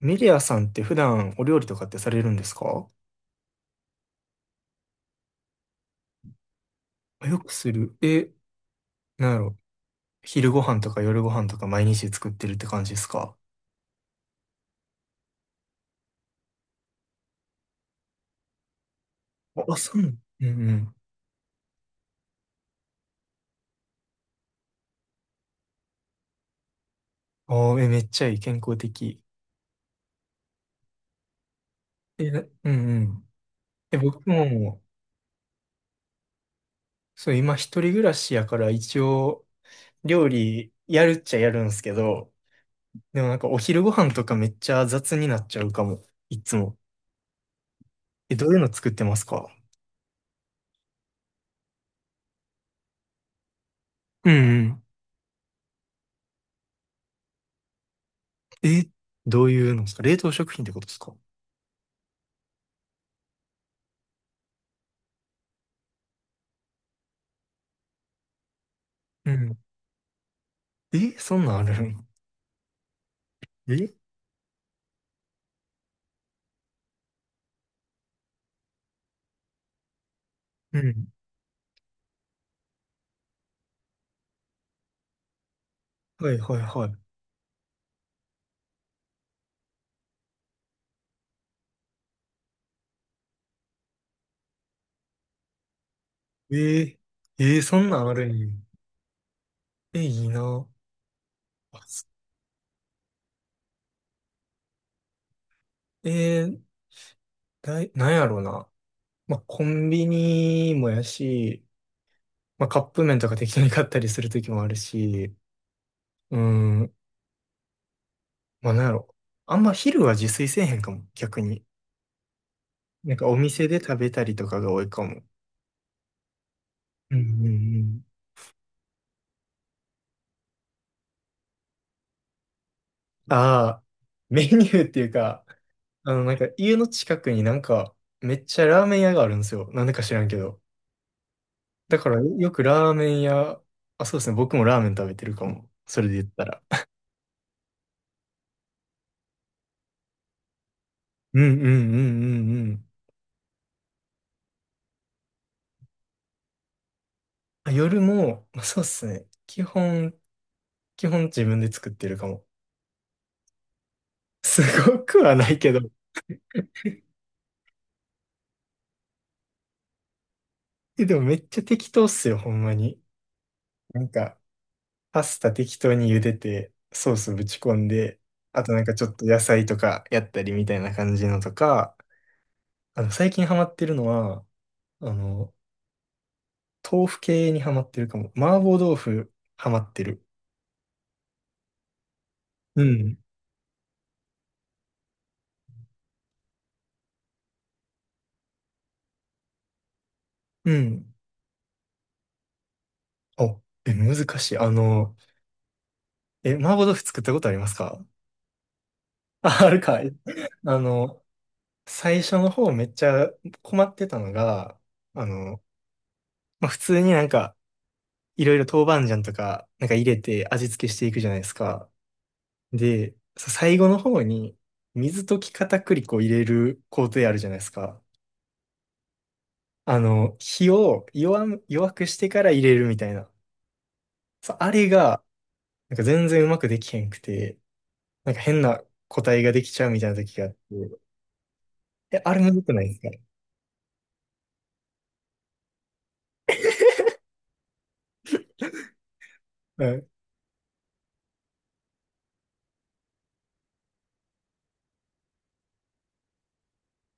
メディアさんって普段お料理とかってされるんですか？あ、よくする。え、なんやろ。昼ご飯とか夜ご飯とか毎日作ってるって感じですか？あ、あそうなの。うんうん。あー、え、めっちゃいい。健康的。え、な、うんうん。え、僕も、そう、今一人暮らしやから一応料理やるっちゃやるんですけど、でもお昼ご飯とかめっちゃ雑になっちゃうかも。いつも。え、どういうの作ってますか？うんうん。え、どういうのですか？冷凍食品ってことですか？うん。え、そんなんあるん？え、うん。はいはいは。い。えー、そんなんあるんや。え、いいな。あ、す、えー、だい、なんやろうな。まあ、コンビニもやし、まあ、カップ麺とか適当に買ったりするときもあるし、うん、まあ、なんやろ。あんま昼は自炊せえへんかも、逆に。なんかお店で食べたりとかが多いかも。うんうんうん。ああ、メニューっていうか、なんか家の近くにめっちゃラーメン屋があるんですよ。なんでか知らんけど。だからよくラーメン屋、あ、そうですね。僕もラーメン食べてるかも。それで言ったら。うんうんうんうんうん。あ、夜も、まあそうですね。基本自分で作ってるかも。すごくはないけど。え、でもめっちゃ適当っすよ、ほんまに。なんか、パスタ適当に茹でて、ソースぶち込んで、あとちょっと野菜とかやったりみたいな感じのとか、最近ハマってるのは、あの、豆腐系にハマってるかも。麻婆豆腐ハマってる。うん。うん。お、え、難しい。え、麻婆豆腐作ったことありますか？あ、あるかい。あの、最初の方めっちゃ困ってたのが、あの、まあ、普通にいろいろ豆板醤とか、なんか入れて味付けしていくじゃないですか。で、さ、最後の方に水溶き片栗粉を入れる工程あるじゃないですか。火を弱む、弱くしてから入れるみたいな。そうあれが、全然うまくできへんくて、なんか変な個体ができちゃうみたいな時があって、え、あれむずくないですか？うん。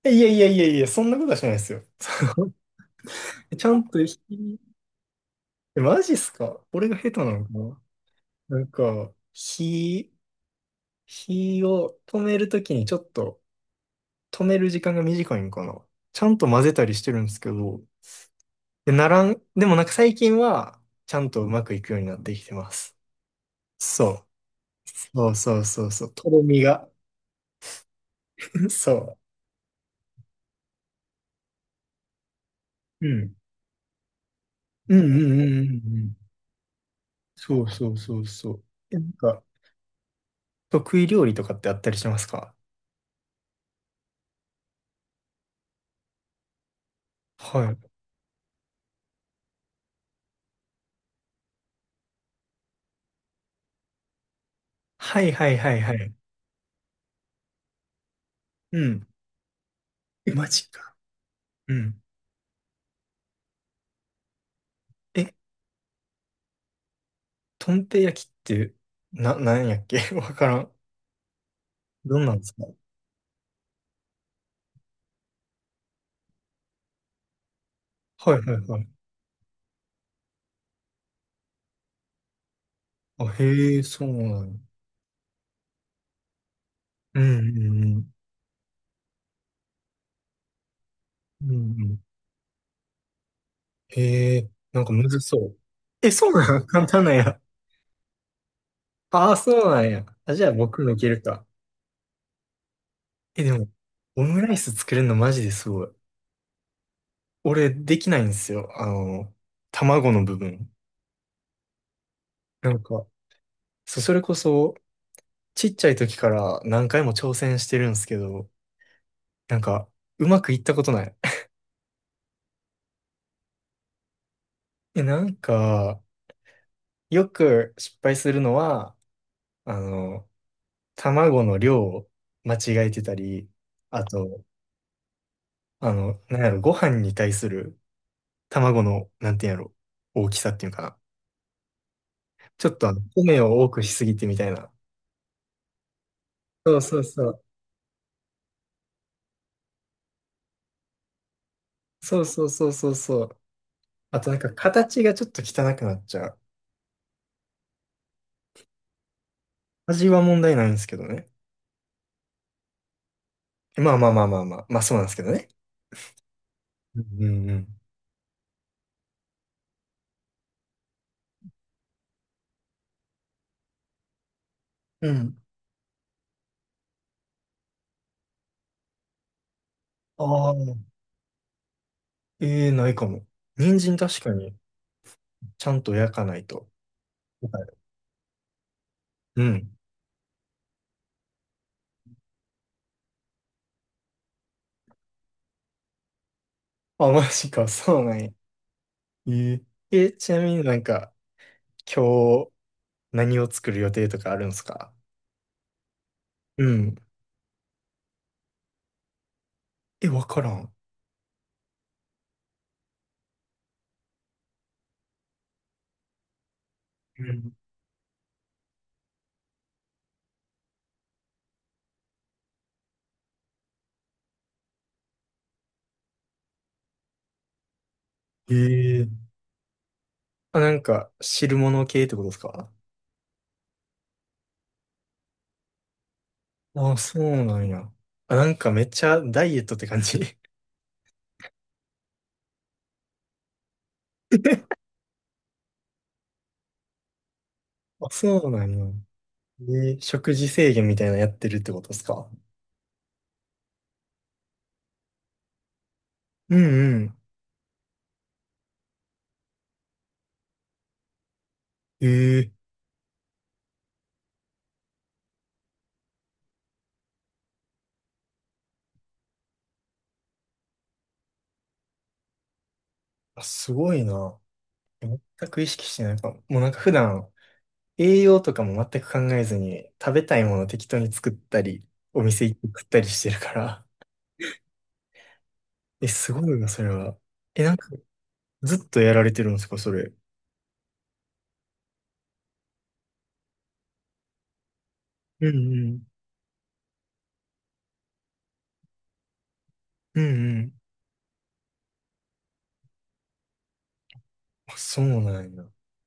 え、いやいやいやいや、そんなことはしないですよ。そう、 ちゃんと火、え、マジっすか？俺が下手なのかな。火、火を止めるときにちょっと、止める時間が短いんかな。ちゃんと混ぜたりしてるんですけど、で、ならん、でもなんか最近は、ちゃんとうまくいくようになってきてます。そう。そうそうそうそう。とろみが。そう。うん。うんうんうんうんうん。そうそうそうそう。え、なんか、得意料理とかってあったりしますか？はい。はいはいはいはい。うん。え、マジか。うん。え、とんぺ焼きって、な、なんやっけ？ わからん。どんなんですか？はいはいはい。あ、へえ、そうなんや。うんうんうん。うんうん。へえ、なんかむずそう。え、そうなん？ 簡単なんや。ああ、そうなんや。あ、じゃあ僕もいけるか。え、でも、オムライス作れるのマジですごい。俺、できないんですよ。卵の部分。なんか、そ、それこそ、ちっちゃい時から何回も挑戦してるんですけど、なんか、うまくいったことない。え、よく失敗するのは、あの、卵の量を間違えてたり、あと、あの、なんやろ、ご飯に対する卵の、なんていうんやろ、大きさっていうかな。ちょっと米を多くしすぎてみたいな。そうそうそう。そうそうそうそうそう。あとなんか形がちょっと汚くなっちゃう。味は問題ないんですけどね。まあまあまあまあまあ。まあそうなんですけどね。うんうんうん。うん。ああ、ええ、ないかも。人参確かに、ちゃんと焼かないと。はい、うん。あ、マジか、そうなんや。え、ええ、ちなみに今日、何を作る予定とかあるんですか？うん。え、わからん。うん、ええ、あ、汁物系ってことですか？あ、そうなんや。あ、なんかめっちゃダイエットって感じ。あ、そうなんや。えー、食事制限みたいなのやってるってことですか？うんうん。ええ、あ、すごいな。全く意識してないかも。もう普段、栄養とかも全く考えずに、食べたいもの適当に作ったり、お店行って食ったりしてるから。え、すごいな、それは。え、なんかずっとやられてるんですか、それ。うんうん。うんうん。あ、そうなんや。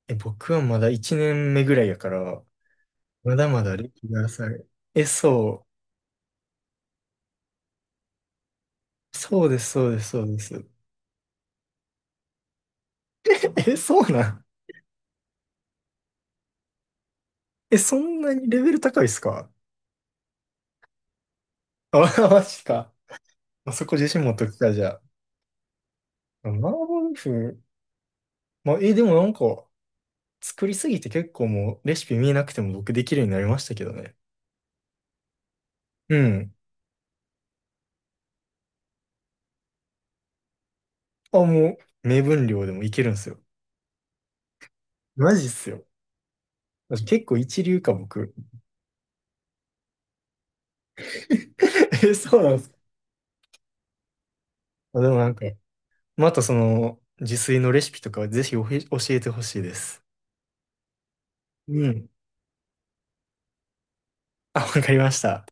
え、僕はまだ1年目ぐらいやから、まだまだ歴が浅い。え、そう。そうです、そうです、そうです。え、そうなん。え、そんなにレベル高いっすか？あ、マジか。あそこ自信持っときた、じゃあ。麻婆豆腐。まあ、え、でも作りすぎて結構もうレシピ見えなくても僕できるようになりましたけどね。うん。あ、もう、目分量でもいけるんすよ。マジっすよ。結構一流か、僕。え、そうなんですか。あ、でもなんか、またその、自炊のレシピとかはぜひお、へ、教えてほしいです。うん。あ、わかりました。